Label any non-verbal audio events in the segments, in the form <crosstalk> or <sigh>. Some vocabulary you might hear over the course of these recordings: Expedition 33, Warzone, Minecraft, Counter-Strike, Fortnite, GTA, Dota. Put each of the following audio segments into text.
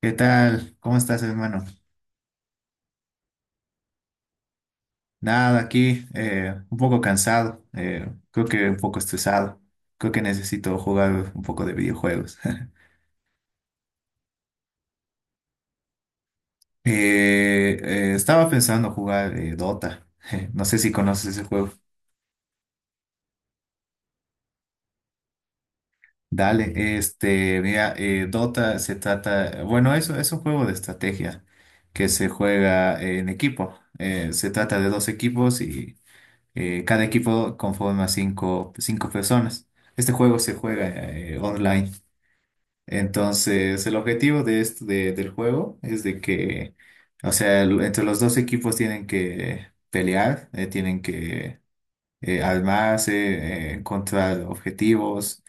¿Qué tal? ¿Cómo estás, hermano? Nada, aquí un poco cansado, creo que un poco estresado, creo que necesito jugar un poco de videojuegos. <laughs> Estaba pensando jugar Dota, <laughs> no sé si conoces ese juego. Dale, mira, Dota se trata, bueno, eso es un juego de estrategia que se juega en equipo. Se trata de dos equipos y cada equipo conforma cinco personas. Este juego se juega online. Entonces, el objetivo de esto, del juego es de que, o sea, entre los dos equipos tienen que pelear, tienen que armarse, encontrar objetivos,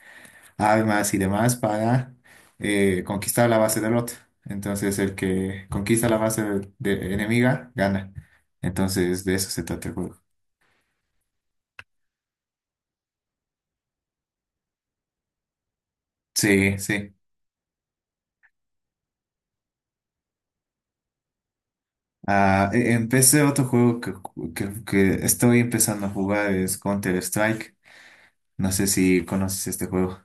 armas y demás para conquistar la base del otro. Entonces, el que conquista la base de enemiga gana. Entonces, de eso se trata el juego. Sí, sí. Ah, empecé otro juego que estoy empezando a jugar, es Counter-Strike. No sé si conoces este juego.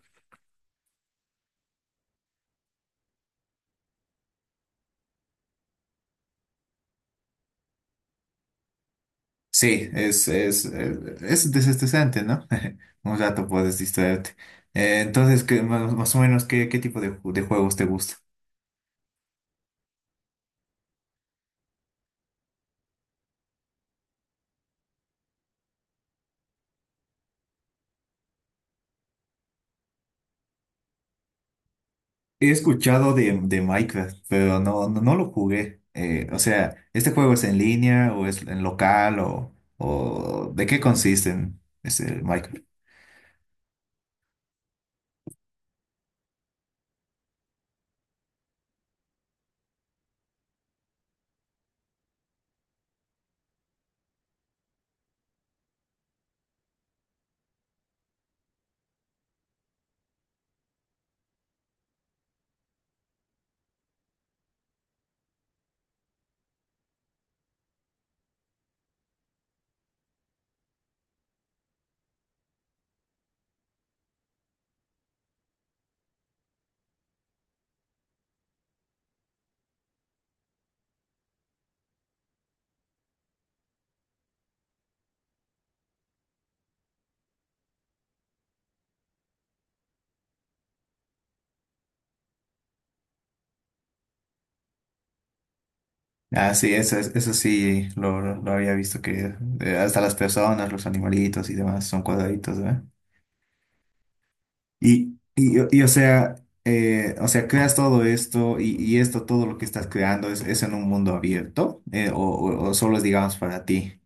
Sí, es desestresante, ¿no? <laughs> Un rato puedes distraerte. Entonces, más o menos, qué tipo de juegos te gusta? He escuchado de Minecraft, pero no lo jugué. O sea, ¿este juego es en línea o es en local o de qué consiste en, ese Minecraft? Ah, sí, eso sí, lo había visto que hasta las personas, los animalitos y demás son cuadraditos, ¿verdad? O sea, o sea, creas todo esto y esto, todo lo que estás creando, ¿es en un mundo abierto? ¿O solo es, digamos, para ti?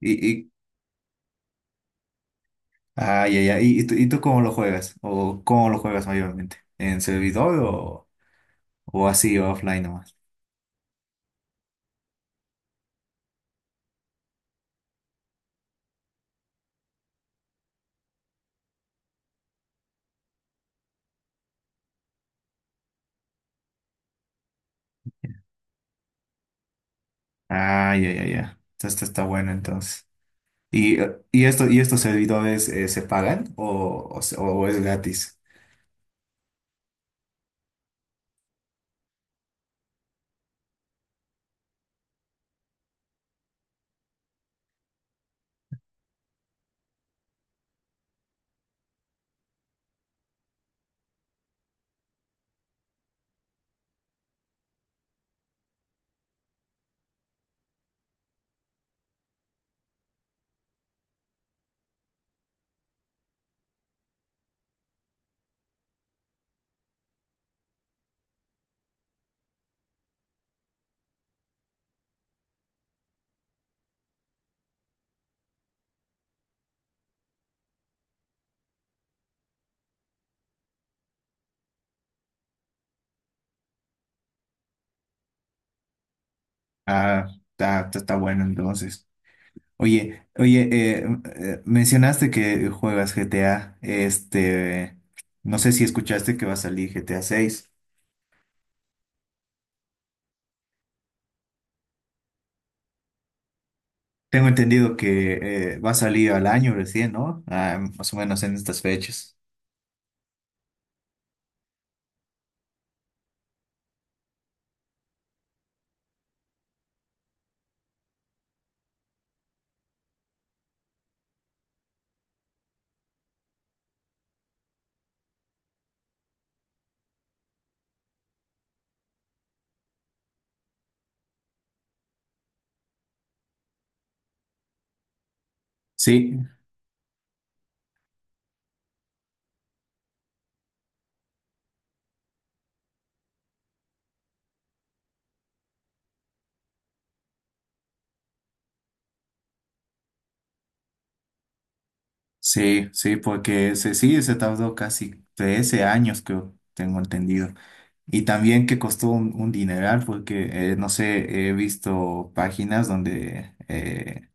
¿Y, Ah, ya, ya. ¿Y tú, cómo lo juegas? ¿O cómo lo juegas mayormente? ¿En servidor o así, o offline nomás? Ah, ya, ya, ya. Esto está bueno entonces. ¿Y y estos servidores se pagan o es gratis? Ah, está bueno entonces. Oye, oye, mencionaste que juegas GTA. No sé si escuchaste que va a salir GTA 6. Tengo entendido que va a salir al año recién, ¿no? Ah, más o menos en estas fechas. Sí. Sí, sí, porque se tardó casi 13 años, creo, tengo entendido. Y también que costó un dineral, porque, no sé, he visto páginas donde eh,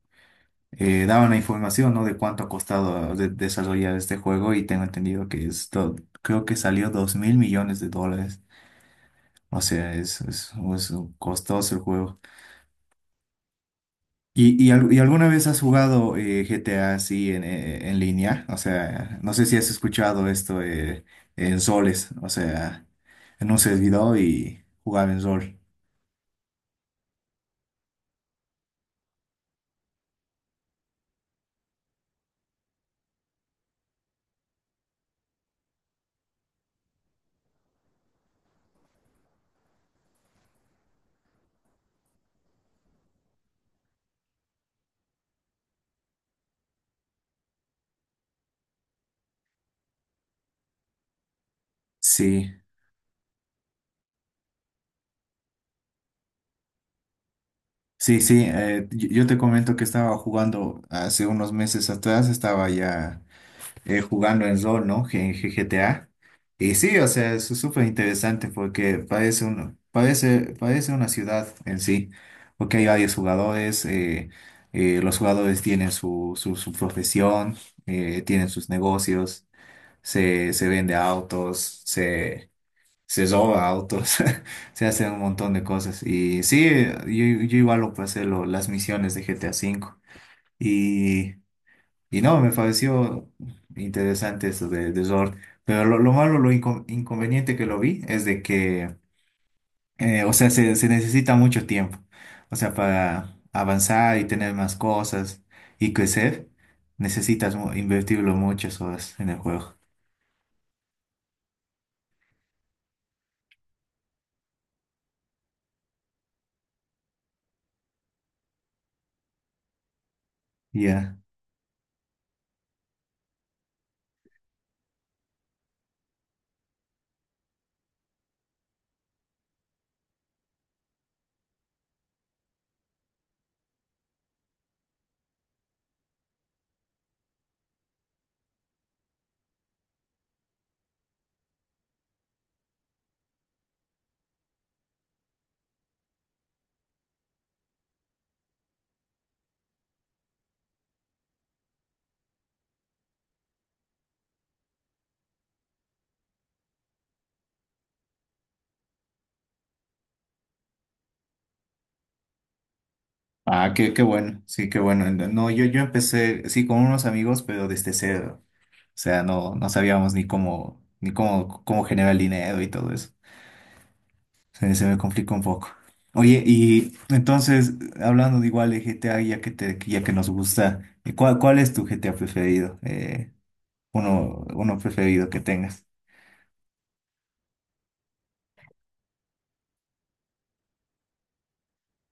eh, daban la información, ¿no? De cuánto ha costado desarrollar este juego y tengo entendido que esto, creo que salió 2.000 millones de dólares. O sea, es costoso el juego. ¿Y alguna vez has jugado GTA así en línea? O sea, no sé si has escuchado esto en soles, o sea, en un servidor y jugaba en sol. Sí, sí, sí. Yo te comento que estaba jugando hace unos meses atrás, estaba ya. Jugando en rol, ¿no? GTA. Y sí, o sea, es súper interesante porque parece una ciudad en sí, porque hay varios jugadores, los jugadores tienen su profesión, tienen sus negocios, se vende autos, se roba autos, <laughs> se hacen un montón de cosas. Y sí, yo igual lo pasé las misiones de GTA y y no, me pareció interesante eso de Zord. Pero lo malo, inconveniente que lo vi es de que, o sea, se necesita mucho tiempo. O sea, para avanzar y tener más cosas y crecer, necesitas invertirlo muchas horas en el juego. Ya. Ah, qué bueno. Sí, qué bueno. No, no, yo empecé, sí, con unos amigos, pero desde cero. O sea, no, no sabíamos ni cómo, ni cómo, cómo generar dinero y todo eso. Se me complica un poco. Oye, y entonces, hablando de igual de GTA, ya que nos gusta, ¿cuál es tu GTA preferido? Uno preferido que tengas.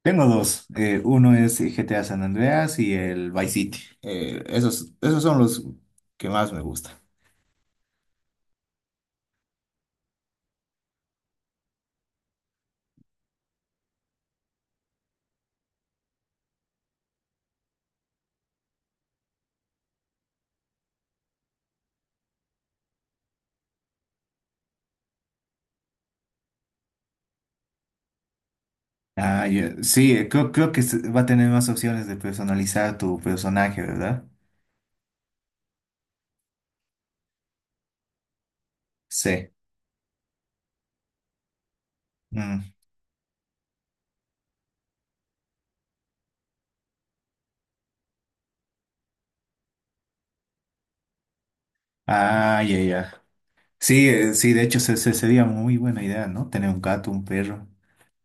Tengo dos. Uno es GTA San Andreas y el Vice City. Esos son los que más me gustan. Ah, ya. Sí, creo que va a tener más opciones de personalizar tu personaje, ¿verdad? Sí. Mm. Ah, ya, ya. Sí, de hecho sería muy buena idea, ¿no? Tener un gato, un perro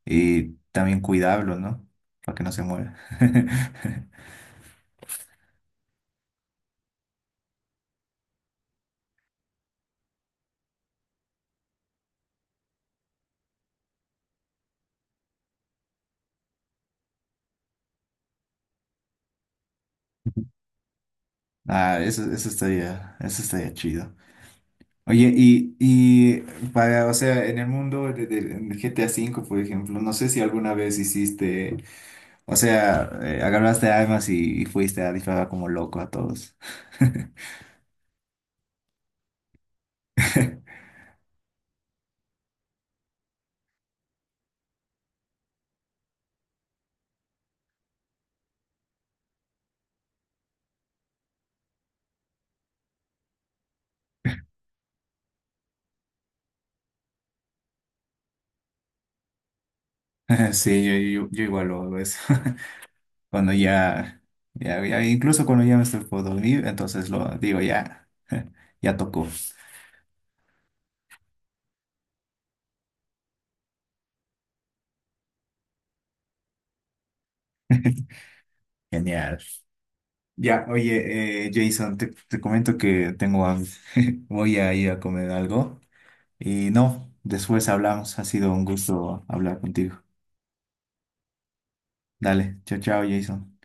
y también cuidarlo, ¿no? Para que no se muera. <laughs> Ah, eso estaría chido. Oye, y para, o sea, en el mundo del GTA 5, por ejemplo, no sé si alguna vez hiciste, o sea, agarraste armas y fuiste a disparar como loco a todos. <laughs> Sí, yo igual lo hago eso. Cuando ya, ya, ya- Incluso cuando ya me estoy por dormir, entonces lo digo ya, <laughs> ya tocó. Genial. Ya, oye, Jason, te comento que tengo hambre. <laughs> Voy a ir a comer algo. Y no, después hablamos. Ha sido un gusto hablar contigo. Dale, chao, chao, Jason.